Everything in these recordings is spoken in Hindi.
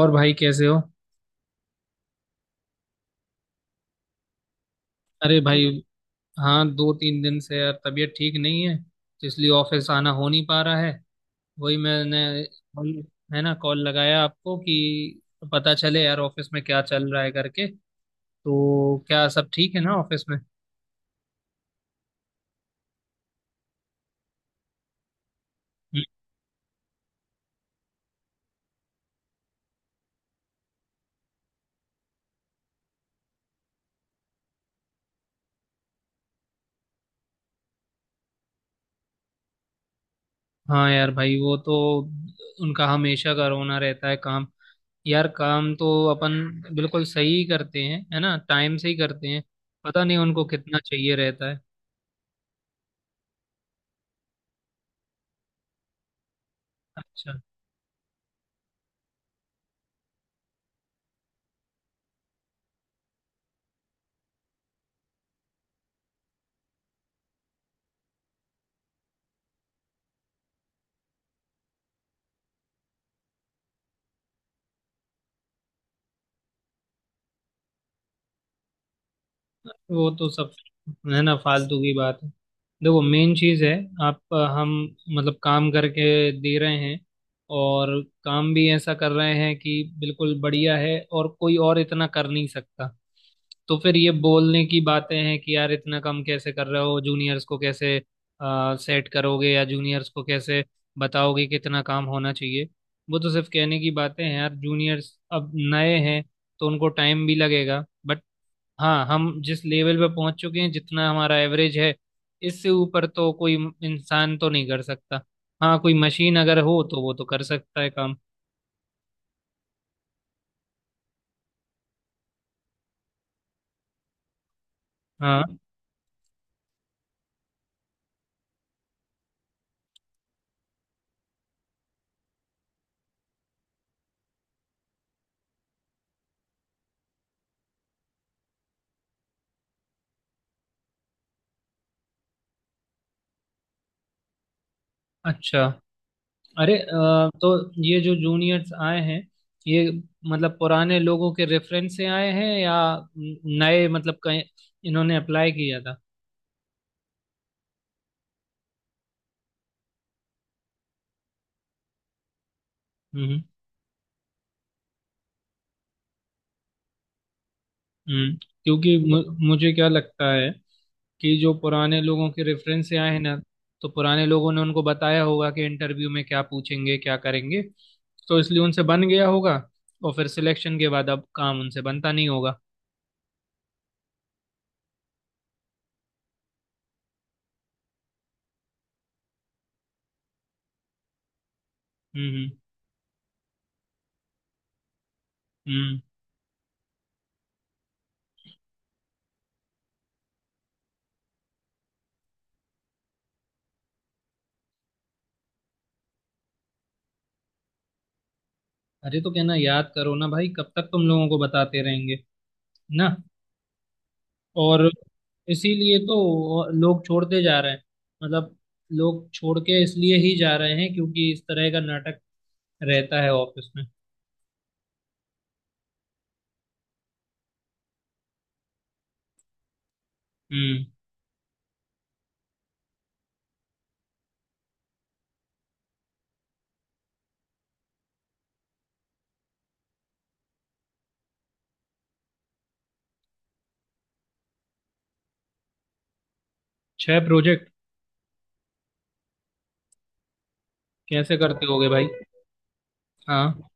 और भाई कैसे हो। अरे भाई, हाँ दो तीन दिन से यार तबीयत ठीक नहीं है तो इसलिए ऑफिस आना हो नहीं पा रहा है। वही मैंने कॉल- है ना कॉल लगाया आपको कि पता चले यार ऑफिस में क्या चल रहा है करके। तो क्या सब ठीक है ना ऑफिस में। हम्म। हाँ यार भाई वो तो उनका हमेशा का रोना रहता है काम। यार काम तो अपन बिल्कुल सही करते हैं, है ना, टाइम से ही करते हैं। पता नहीं उनको कितना चाहिए रहता है। अच्छा। वो तो सब है ना फालतू की बात है। देखो मेन चीज है, आप, हम, मतलब काम करके दे रहे हैं और काम भी ऐसा कर रहे हैं कि बिल्कुल बढ़िया है और कोई और इतना कर नहीं सकता। तो फिर ये बोलने की बातें हैं कि यार इतना कम कैसे कर रहे हो, जूनियर्स को कैसे सेट करोगे, या जूनियर्स को कैसे बताओगे कितना काम होना चाहिए। वो तो सिर्फ कहने की बातें हैं यार, जूनियर्स अब नए हैं तो उनको टाइम भी लगेगा, बट हाँ, हम जिस लेवल पे पहुंच चुके हैं, जितना हमारा एवरेज है, इससे ऊपर तो कोई इंसान तो नहीं कर सकता। हाँ कोई मशीन अगर हो तो वो तो कर सकता है काम। हाँ। अच्छा। अरे तो ये जो जूनियर्स आए हैं, ये मतलब पुराने लोगों के रेफरेंस से आए हैं या नए, मतलब कहीं इन्होंने अप्लाई किया था। हम्म। हम्म। क्योंकि मुझे क्या लगता है कि जो पुराने लोगों के रेफरेंस से आए हैं ना, तो पुराने लोगों ने उनको बताया होगा कि इंटरव्यू में क्या पूछेंगे क्या करेंगे, तो इसलिए उनसे बन गया होगा। और फिर सिलेक्शन के बाद अब काम उनसे बनता नहीं होगा। हम्म। हम्म। हम्म। अरे तो कहना याद करो ना भाई, कब तक तुम लोगों को बताते रहेंगे। ना। और इसीलिए तो लोग छोड़ते जा रहे हैं। मतलब लोग छोड़ के इसलिए ही जा रहे हैं क्योंकि इस तरह का नाटक रहता है ऑफिस में। हम्म। छह प्रोजेक्ट? कैसे करते होगे भाई। हाँ।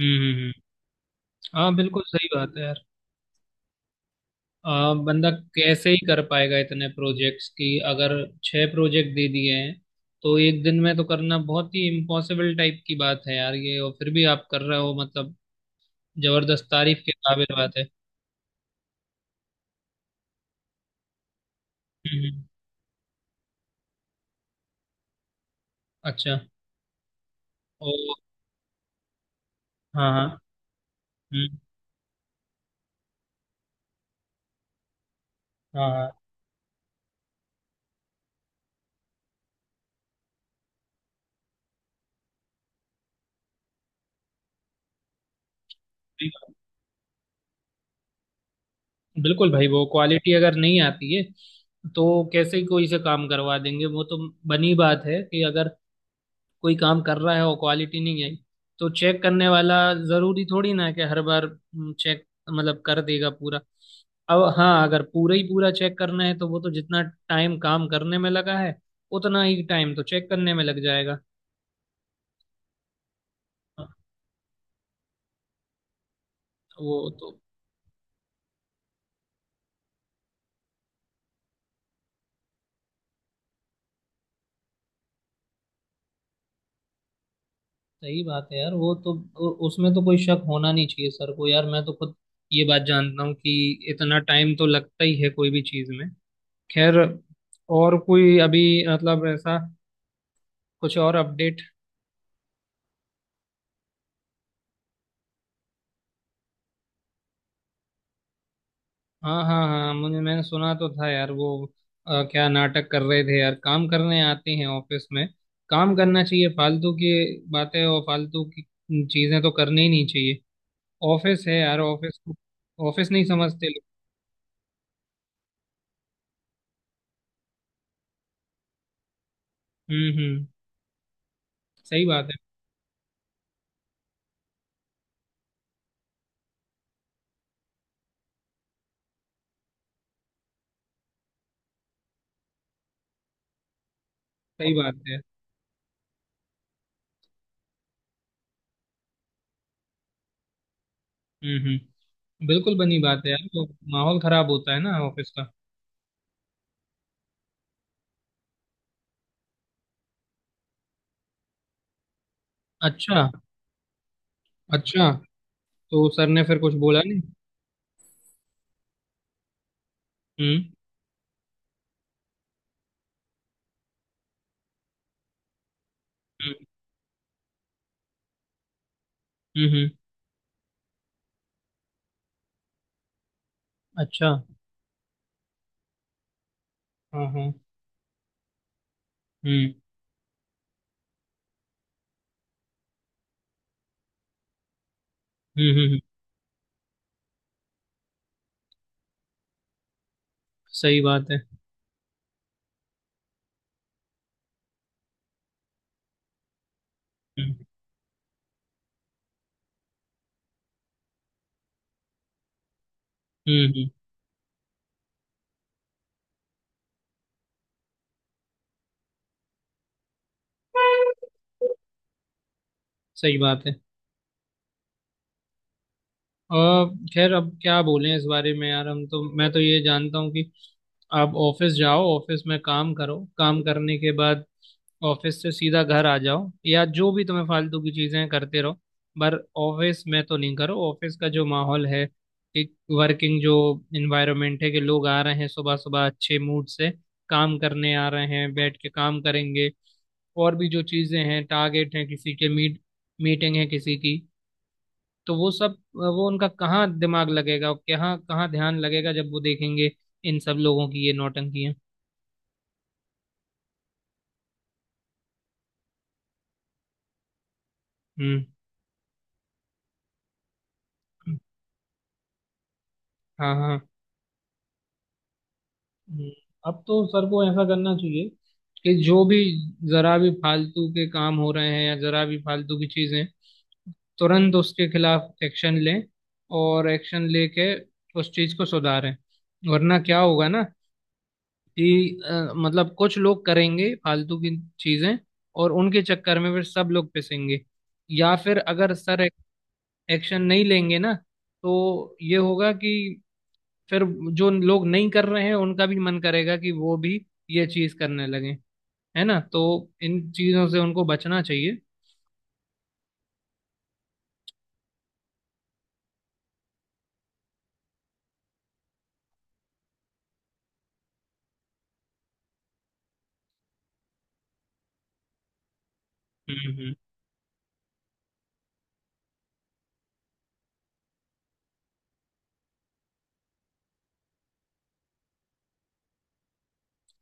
हम्म। हाँ बिल्कुल सही बात है यार। बंदा कैसे ही कर पाएगा इतने प्रोजेक्ट्स की। अगर छह प्रोजेक्ट दे दिए हैं तो एक दिन में तो करना बहुत ही इम्पॉसिबल टाइप की बात है यार ये, और फिर भी आप कर रहे हो, मतलब जबरदस्त तारीफ के काबिल बात है। हम्म। हम्म। अच्छा। ओ। हाँ हाँ। हम्म। हाँ हाँ। सही बात। बिल्कुल भाई, वो क्वालिटी अगर नहीं आती है तो कैसे ही कोई से काम करवा देंगे, वो तो बनी बात है कि अगर कोई काम कर रहा है और क्वालिटी नहीं आई तो चेक करने वाला जरूरी थोड़ी ना है कि हर बार चेक मतलब कर देगा पूरा। अब हाँ, अगर पूरा ही पूरा चेक करना है तो वो तो जितना टाइम काम करने में लगा है, उतना ही टाइम तो चेक करने में लग जाएगा। वो तो सही बात है यार, वो तो। उसमें तो कोई शक होना नहीं चाहिए सर को यार, मैं तो खुद ये बात जानता हूँ कि इतना टाइम तो लगता ही है कोई भी चीज़ में। खैर, और कोई अभी मतलब ऐसा कुछ और अपडेट। हाँ हाँ हाँ, मुझे, मैंने सुना तो था यार वो। क्या नाटक कर रहे थे यार, काम करने आते हैं ऑफिस में, काम करना चाहिए। फालतू की बातें और फालतू की चीजें तो करनी ही नहीं चाहिए। ऑफिस है यार, ऑफिस को ऑफिस नहीं समझते लोग। हम्म। हम्म। सही बात है। सही बात है। हम्म। हम्म। बिल्कुल बनी बात है यार, तो माहौल खराब होता है ना ऑफिस का। अच्छा। अच्छा, तो सर ने फिर कुछ बोला नहीं। हम्म। हम्म। हम्म। अच्छा। हाँ हाँ। हम्म। हम्म। हम्म। सही बात है। हम्म। हम्म। सही बात है। और खैर अब क्या बोलें इस बारे में यार, हम तो, मैं तो ये जानता हूँ कि आप ऑफिस जाओ, ऑफिस में काम करो, काम करने के बाद ऑफिस से सीधा घर आ जाओ, या जो भी तुम्हें फालतू की चीजें करते रहो, पर ऑफिस में तो नहीं करो। ऑफिस का जो माहौल है, एक वर्किंग जो इन्वायरमेंट है कि लोग आ रहे हैं सुबह सुबह अच्छे मूड से, काम करने आ रहे हैं, बैठ के काम करेंगे, और भी जो चीजें हैं, टारगेट हैं किसी के, मीटिंग है किसी की, तो वो सब वो उनका कहाँ दिमाग लगेगा और कहाँ कहाँ ध्यान लगेगा जब वो देखेंगे इन सब लोगों की ये नौटंकी है। हम्म। हाँ हाँ। हम्म, अब तो सर को ऐसा करना चाहिए कि जो भी जरा भी फालतू के काम हो रहे हैं या जरा भी फालतू की चीजें, तुरंत उसके खिलाफ एक्शन लें, और एक्शन लेके उस चीज को सुधारें। वरना क्या होगा ना कि मतलब कुछ लोग करेंगे फालतू की चीजें और उनके चक्कर में फिर सब लोग पिसेंगे। या फिर अगर सर एक्शन नहीं लेंगे ना तो ये होगा कि फिर जो लोग नहीं कर रहे हैं उनका भी मन करेगा कि वो भी ये चीज करने लगे, है ना। तो इन चीजों से उनको बचना चाहिए। हम्म। हम्म।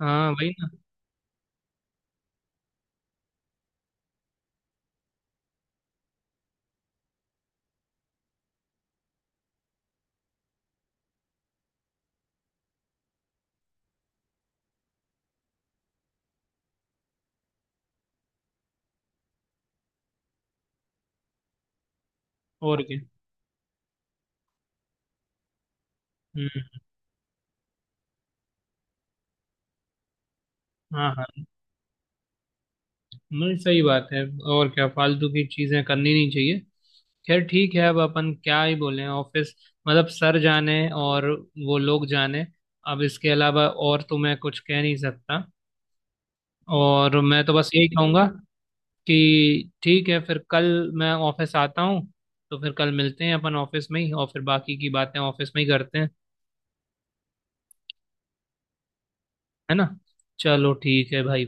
हाँ वही ना। और क्या। हम्म। हाँ हाँ। नहीं सही बात है, और क्या, फालतू की चीजें करनी नहीं चाहिए। खैर ठीक है, अब अपन क्या ही बोले ऑफिस, मतलब सर जाने और वो लोग जाने। अब इसके अलावा और तो मैं कुछ कह नहीं सकता, और मैं तो बस यही कहूंगा कि ठीक है, फिर कल मैं ऑफिस आता हूँ तो फिर कल मिलते हैं अपन ऑफिस में ही, और फिर बाकी की बातें ऑफिस में ही करते हैं, है ना। चलो ठीक है भाई।